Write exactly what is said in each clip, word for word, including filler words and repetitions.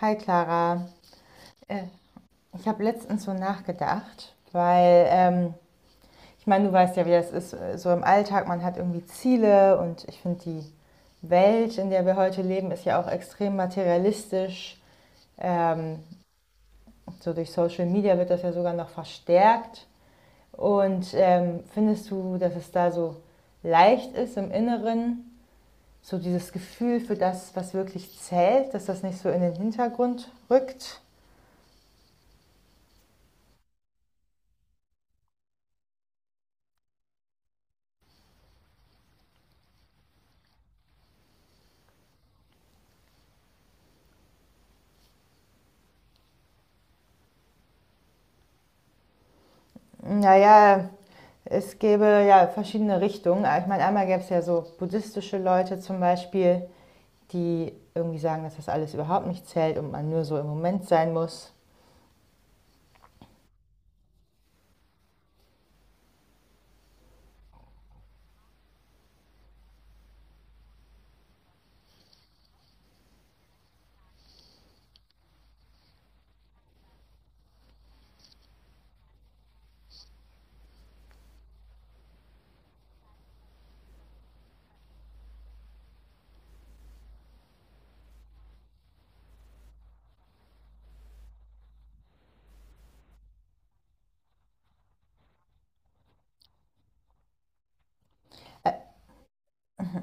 Hi Clara, äh, ich habe letztens so nachgedacht, weil ähm, ich meine, du weißt ja, wie das ist, äh, so im Alltag, man hat irgendwie Ziele und ich finde, die Welt, in der wir heute leben, ist ja auch extrem materialistisch. Ähm, so durch Social Media wird das ja sogar noch verstärkt. Und ähm, findest du, dass es da so leicht ist im Inneren, so dieses Gefühl für das, was wirklich zählt, dass das nicht so in den Hintergrund rückt? Naja, es gäbe ja verschiedene Richtungen. Ich meine, einmal gäbe es ja so buddhistische Leute zum Beispiel, die irgendwie sagen, dass das alles überhaupt nicht zählt und man nur so im Moment sein muss.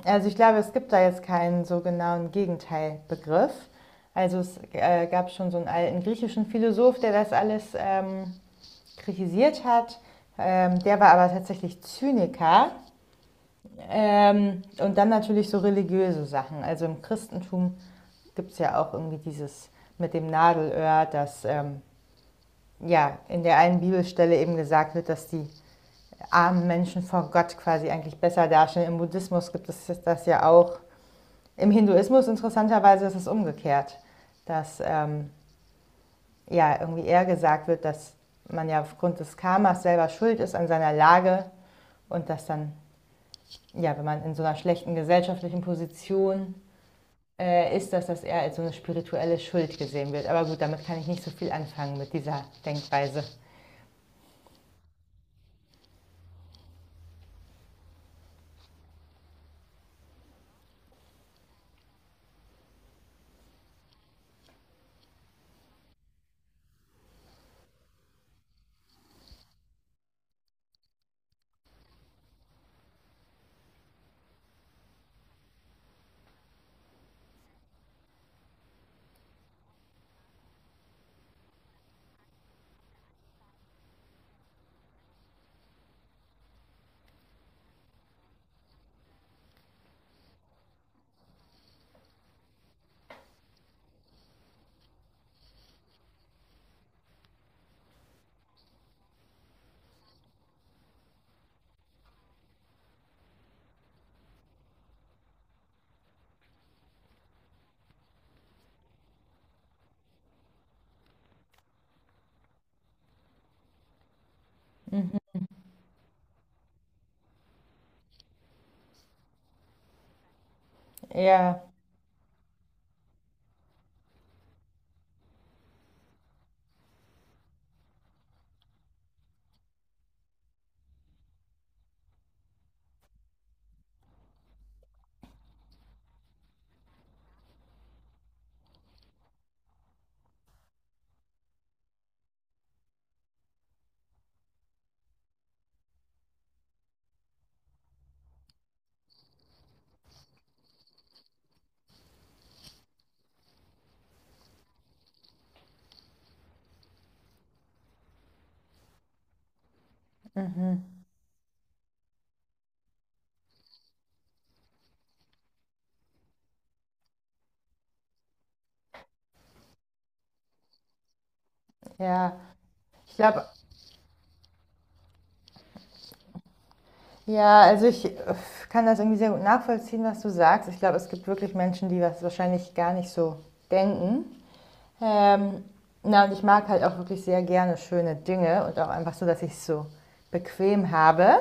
Also ich glaube, es gibt da jetzt keinen so genauen Gegenteilbegriff. Also es äh, gab schon so einen alten griechischen Philosoph, der das alles ähm, kritisiert hat. Ähm, der war aber tatsächlich Zyniker. Ähm, und dann natürlich so religiöse Sachen. Also im Christentum gibt es ja auch irgendwie dieses mit dem Nadelöhr, dass ähm, ja in der einen Bibelstelle eben gesagt wird, dass die armen Menschen vor Gott quasi eigentlich besser dastehen. Im Buddhismus gibt es das ja auch. Im Hinduismus interessanterweise ist es umgekehrt, dass ähm, ja irgendwie eher gesagt wird, dass man ja aufgrund des Karmas selber schuld ist an seiner Lage und dass dann, ja, wenn man in so einer schlechten gesellschaftlichen Position äh, ist, das, dass er als so eine spirituelle Schuld gesehen wird. Aber gut, damit kann ich nicht so viel anfangen mit dieser Denkweise. Ja, mhm, ja. Ich glaube, ja, also ich äh, kann das irgendwie sehr gut nachvollziehen, was du sagst. Ich glaube, es gibt wirklich Menschen, die das wahrscheinlich gar nicht so denken. Ähm, na, und ich mag halt auch wirklich sehr gerne schöne Dinge und auch einfach so, dass ich es so bequem habe.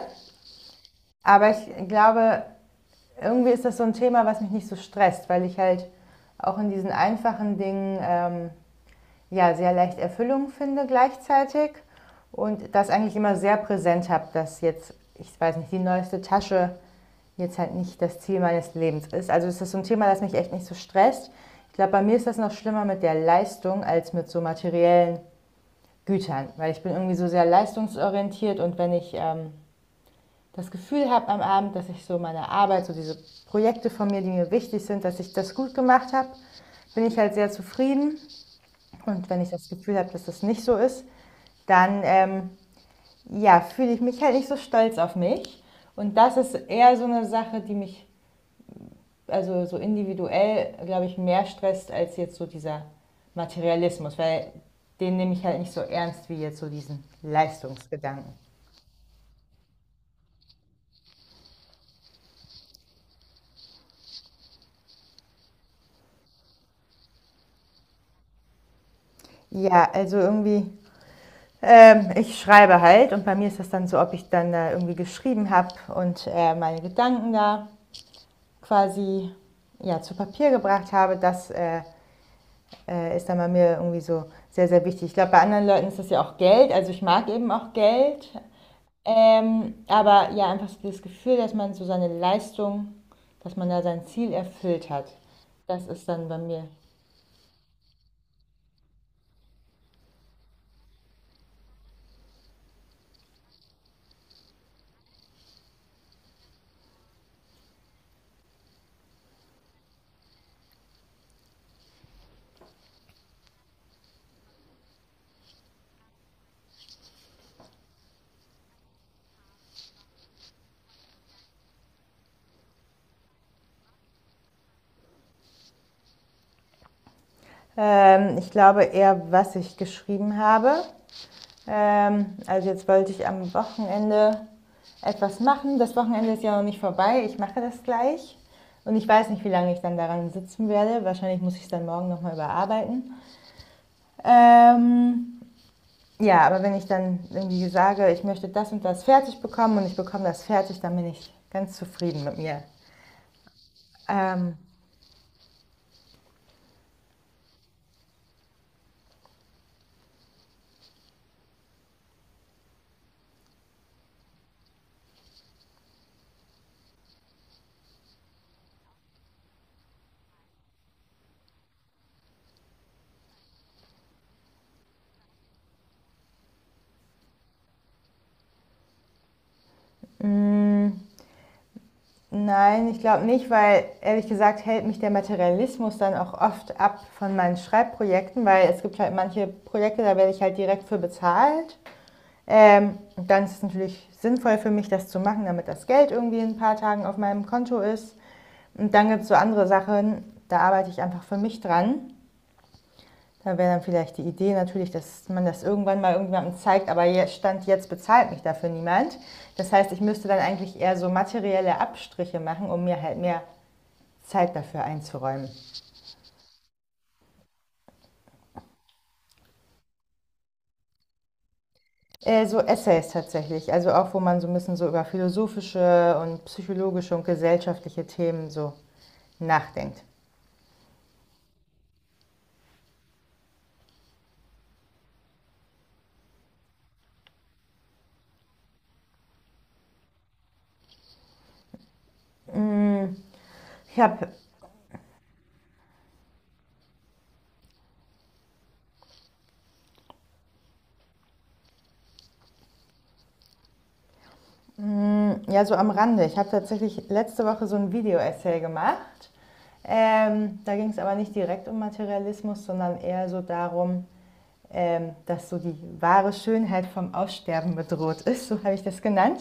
Aber ich glaube, irgendwie ist das so ein Thema, was mich nicht so stresst, weil ich halt auch in diesen einfachen Dingen ähm, ja sehr leicht Erfüllung finde gleichzeitig und das eigentlich immer sehr präsent habe, dass jetzt, ich weiß nicht, die neueste Tasche jetzt halt nicht das Ziel meines Lebens ist. Also ist das so ein Thema, das mich echt nicht so stresst. Ich glaube, bei mir ist das noch schlimmer mit der Leistung als mit so materiellen Gütern, weil ich bin irgendwie so sehr leistungsorientiert und wenn ich ähm, das Gefühl habe am Abend, dass ich so meine Arbeit, so diese Projekte von mir, die mir wichtig sind, dass ich das gut gemacht habe, bin ich halt sehr zufrieden. Und wenn ich das Gefühl habe, dass das nicht so ist, dann ähm, ja, fühle ich mich halt nicht so stolz auf mich. Und das ist eher so eine Sache, die mich, also so individuell, glaube ich, mehr stresst als jetzt so dieser Materialismus, weil den nehme ich halt nicht so ernst wie jetzt so diesen Leistungsgedanken. Ja, also irgendwie Ähm, ich schreibe halt und bei mir ist das dann so, ob ich dann da irgendwie geschrieben habe und äh, meine Gedanken da quasi, ja, zu Papier gebracht habe, das äh, äh, ist dann bei mir irgendwie so sehr, sehr wichtig. Ich glaube, bei anderen Leuten ist das ja auch Geld, also ich mag eben auch Geld, ähm, aber ja, einfach so das Gefühl, dass man so seine Leistung, dass man da sein Ziel erfüllt hat, das ist dann bei mir. Ähm, ich glaube eher, was ich geschrieben habe. Ähm, also jetzt wollte ich am Wochenende etwas machen. Das Wochenende ist ja noch nicht vorbei. Ich mache das gleich. Und ich weiß nicht, wie lange ich dann daran sitzen werde. Wahrscheinlich muss ich es dann morgen nochmal überarbeiten. Ähm, ja, aber wenn ich dann irgendwie sage, ich möchte das und das fertig bekommen und ich bekomme das fertig, dann bin ich ganz zufrieden mit mir. Ähm, mh, Nein, ich glaube nicht, weil ehrlich gesagt hält mich der Materialismus dann auch oft ab von meinen Schreibprojekten, weil es gibt halt manche Projekte, da werde ich halt direkt für bezahlt. Ähm, Dann ist es natürlich sinnvoll für mich, das zu machen, damit das Geld irgendwie in ein paar Tagen auf meinem Konto ist. Und dann gibt es so andere Sachen, da arbeite ich einfach für mich dran. Da wäre dann vielleicht die Idee natürlich, dass man das irgendwann mal irgendjemandem zeigt, aber jetzt stand jetzt bezahlt mich dafür niemand. Das heißt, ich müsste dann eigentlich eher so materielle Abstriche machen, um mir halt mehr Zeit dafür einzuräumen. Äh, so Essays tatsächlich, also auch wo man so ein bisschen so über philosophische und psychologische und gesellschaftliche Themen so nachdenkt. Ich habe, ja, so am Rande, ich habe tatsächlich letzte Woche so ein Video-Essay gemacht. Ähm, da ging es aber nicht direkt um Materialismus, sondern eher so darum, ähm, dass so die wahre Schönheit vom Aussterben bedroht ist, so habe ich das genannt.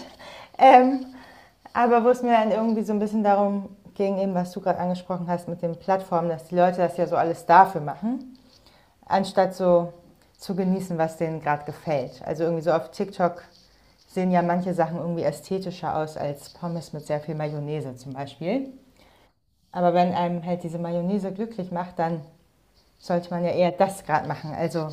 Ähm, Aber wo es mir dann irgendwie so ein bisschen darum ging, eben was du gerade angesprochen hast mit den Plattformen, dass die Leute das ja so alles dafür machen, anstatt so zu genießen, was denen gerade gefällt. Also irgendwie so auf TikTok sehen ja manche Sachen irgendwie ästhetischer aus als Pommes mit sehr viel Mayonnaise zum Beispiel. Aber wenn einem halt diese Mayonnaise glücklich macht, dann sollte man ja eher das gerade machen. Also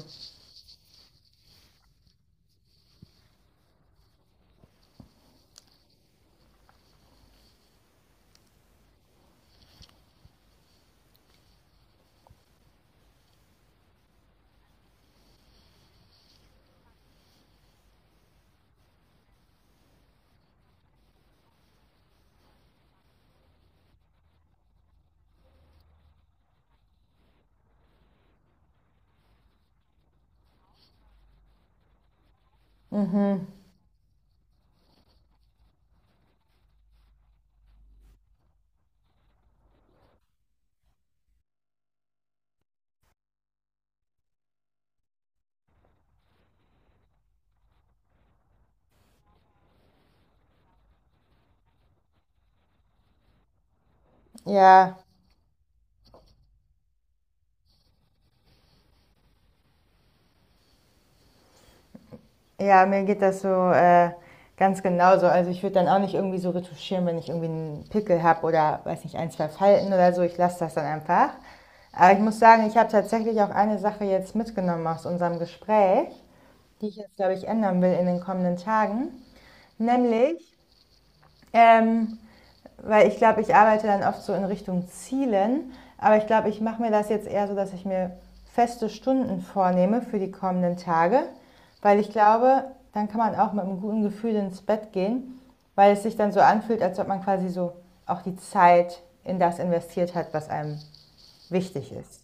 ja. Ja, mir geht das so äh, ganz genauso. Also ich würde dann auch nicht irgendwie so retuschieren, wenn ich irgendwie einen Pickel habe oder weiß nicht, ein, zwei Falten oder so. Ich lasse das dann einfach. Aber ich muss sagen, ich habe tatsächlich auch eine Sache jetzt mitgenommen aus unserem Gespräch, die ich jetzt, glaube ich, ändern will in den kommenden Tagen. Nämlich, ähm, weil ich glaube, ich arbeite dann oft so in Richtung Zielen. Aber ich glaube, ich mache mir das jetzt eher so, dass ich mir feste Stunden vornehme für die kommenden Tage. Weil ich glaube, dann kann man auch mit einem guten Gefühl ins Bett gehen, weil es sich dann so anfühlt, als ob man quasi so auch die Zeit in das investiert hat, was einem wichtig ist.